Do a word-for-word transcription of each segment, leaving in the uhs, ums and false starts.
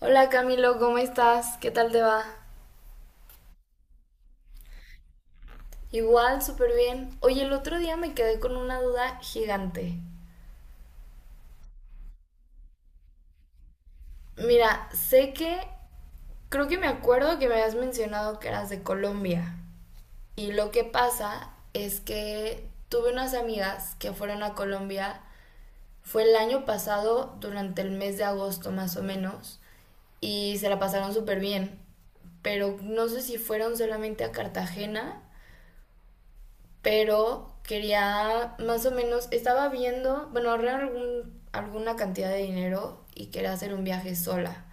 Hola Camilo, ¿cómo estás? ¿Qué tal te va? Igual, súper bien. Oye, el otro día me quedé con una duda gigante. Mira, sé que, creo que me acuerdo que me habías mencionado que eras de Colombia. Y lo que pasa es que tuve unas amigas que fueron a Colombia, fue el año pasado, durante el mes de agosto más o menos, y se la pasaron súper bien. Pero no sé si fueron solamente a Cartagena, pero quería más o menos, estaba viendo, bueno, ahorré algún, alguna cantidad de dinero y quería hacer un viaje sola.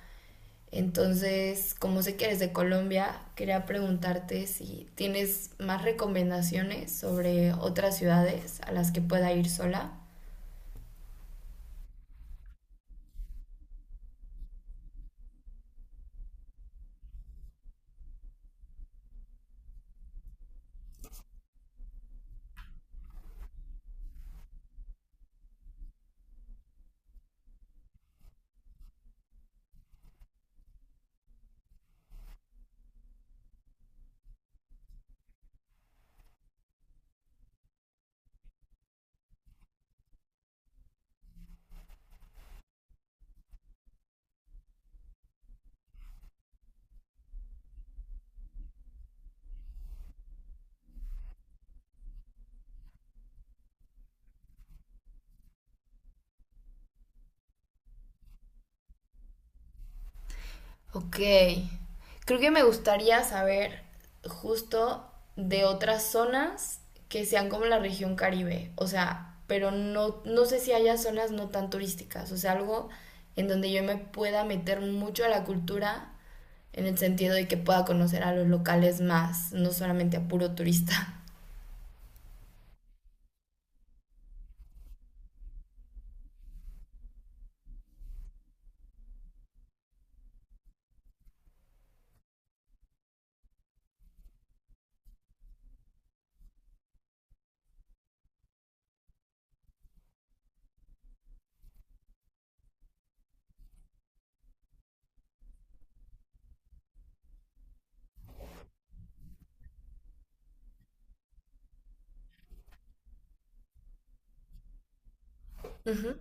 Entonces, como sé que eres de Colombia, quería preguntarte si tienes más recomendaciones sobre otras ciudades a las que pueda ir sola. Ok. Creo que me gustaría saber justo de otras zonas que sean como la región Caribe. O sea, pero no, no sé si haya zonas no tan turísticas. O sea, algo en donde yo me pueda meter mucho a la cultura en el sentido de que pueda conocer a los locales más, no solamente a puro turista. Ujú.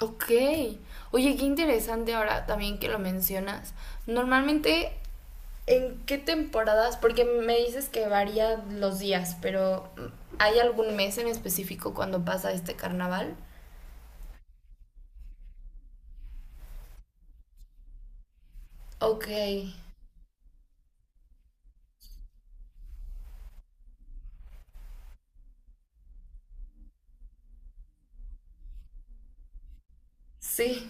Ok. Oye, qué interesante ahora también que lo mencionas. Normalmente, ¿en qué temporadas? Porque me dices que varía los días, pero ¿hay algún mes en específico cuando pasa este carnaval? Ok, sí,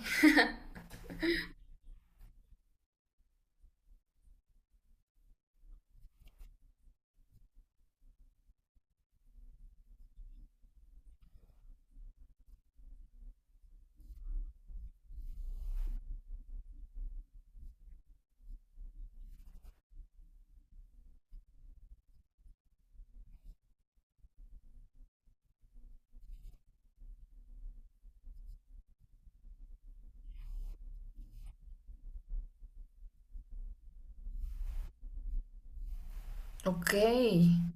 ok, qué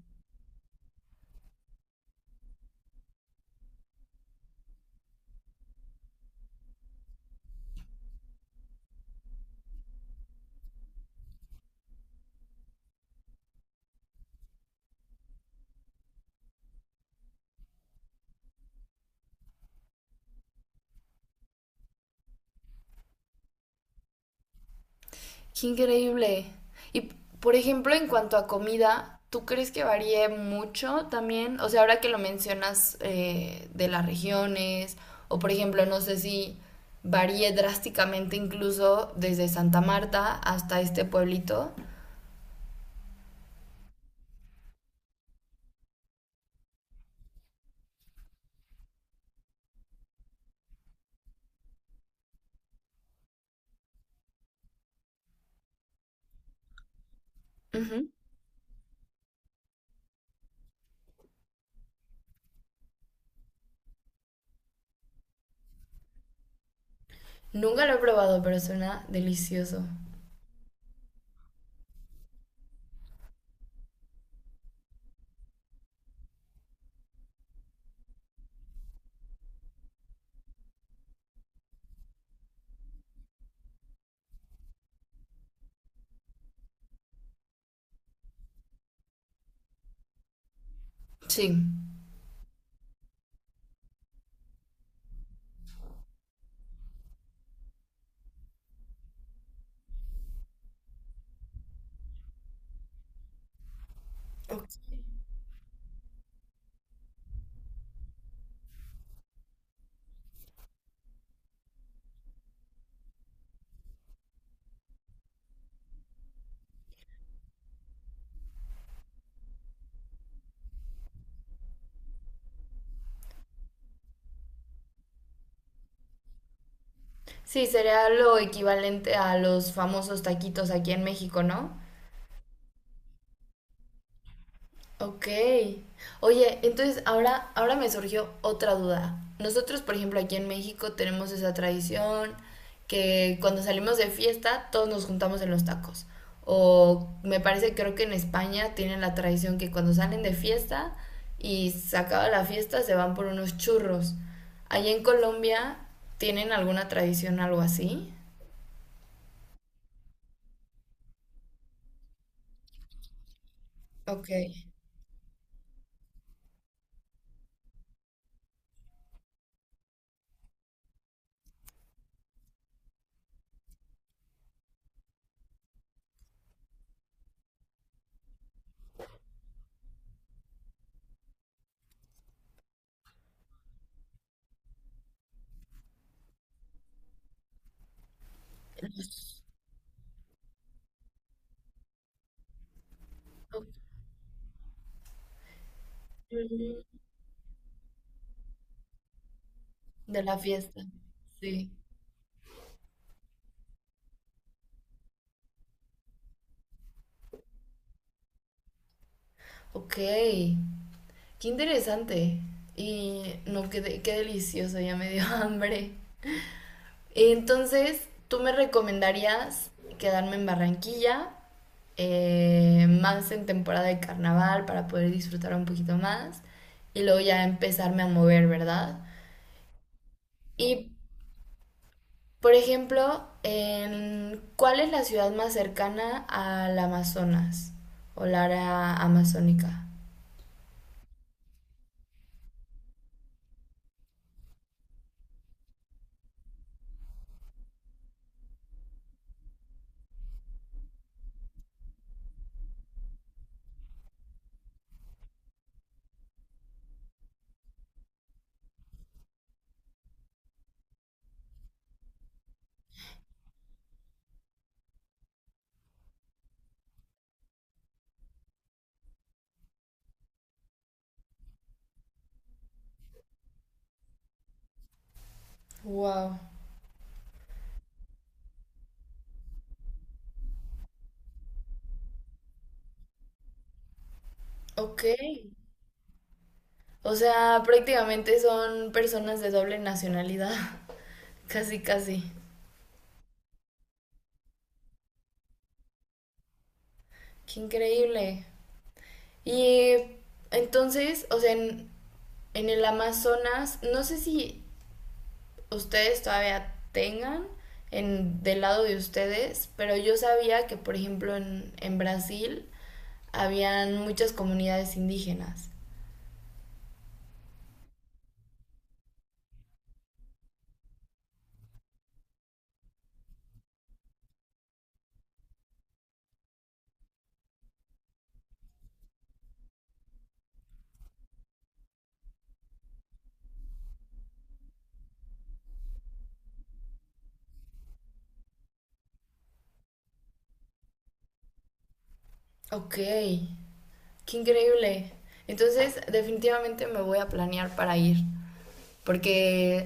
increíble. Y por ejemplo, en cuanto a comida, ¿tú crees que varíe mucho también? O sea, ahora que lo mencionas eh, de las regiones, o por ejemplo, no sé si varíe drásticamente incluso desde Santa Marta hasta este pueblito. Ujú. Nunca lo he probado, pero suena delicioso. Sí. Sí, sería lo equivalente a los famosos taquitos aquí en México, ¿no? Ok. Oye, entonces ahora, ahora me surgió otra duda. Nosotros, por ejemplo, aquí en México tenemos esa tradición que cuando salimos de fiesta todos nos juntamos en los tacos. O me parece, creo que en España tienen la tradición que cuando salen de fiesta y se acaba la fiesta se van por unos churros. ¿Allá en Colombia tienen alguna tradición, algo así? Ok. Los- los- De la fiesta. Sí. Ok. Qué interesante. Y no, qué, de- qué delicioso, ya me dio hambre. Entonces, ¿tú me recomendarías quedarme en Barranquilla, eh, más en temporada de carnaval para poder disfrutar un poquito más y luego ya empezarme a mover, ¿verdad? Y, por ejemplo, en, ¿cuál es la ciudad más cercana al Amazonas o la área amazónica? Wow. Ok. O sea, prácticamente son personas de doble nacionalidad. Casi, casi. Qué increíble. Y entonces, o sea, en, en el Amazonas, no sé si ustedes todavía tengan en, del lado de ustedes, pero yo sabía que, por ejemplo, en, en Brasil habían muchas comunidades indígenas. Ok, qué increíble. Entonces, definitivamente me voy a planear para ir, porque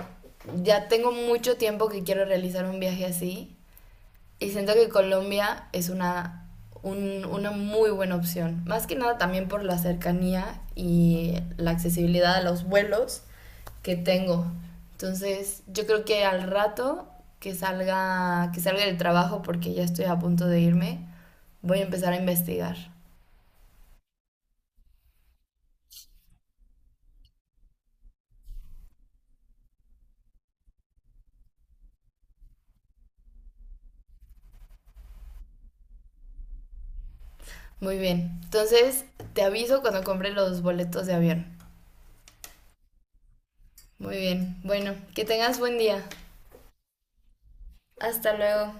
ya tengo mucho tiempo que quiero realizar un viaje así y siento que Colombia es una, un- una muy buena opción. Más que nada también por la cercanía y la accesibilidad a los vuelos que tengo. Entonces, yo creo que al rato que salga, que salga del trabajo, porque ya estoy a punto de irme, voy a empezar a investigar. Muy bien. Entonces, te aviso cuando compre los boletos de avión. Muy bien. Bueno, que tengas buen día. Hasta luego.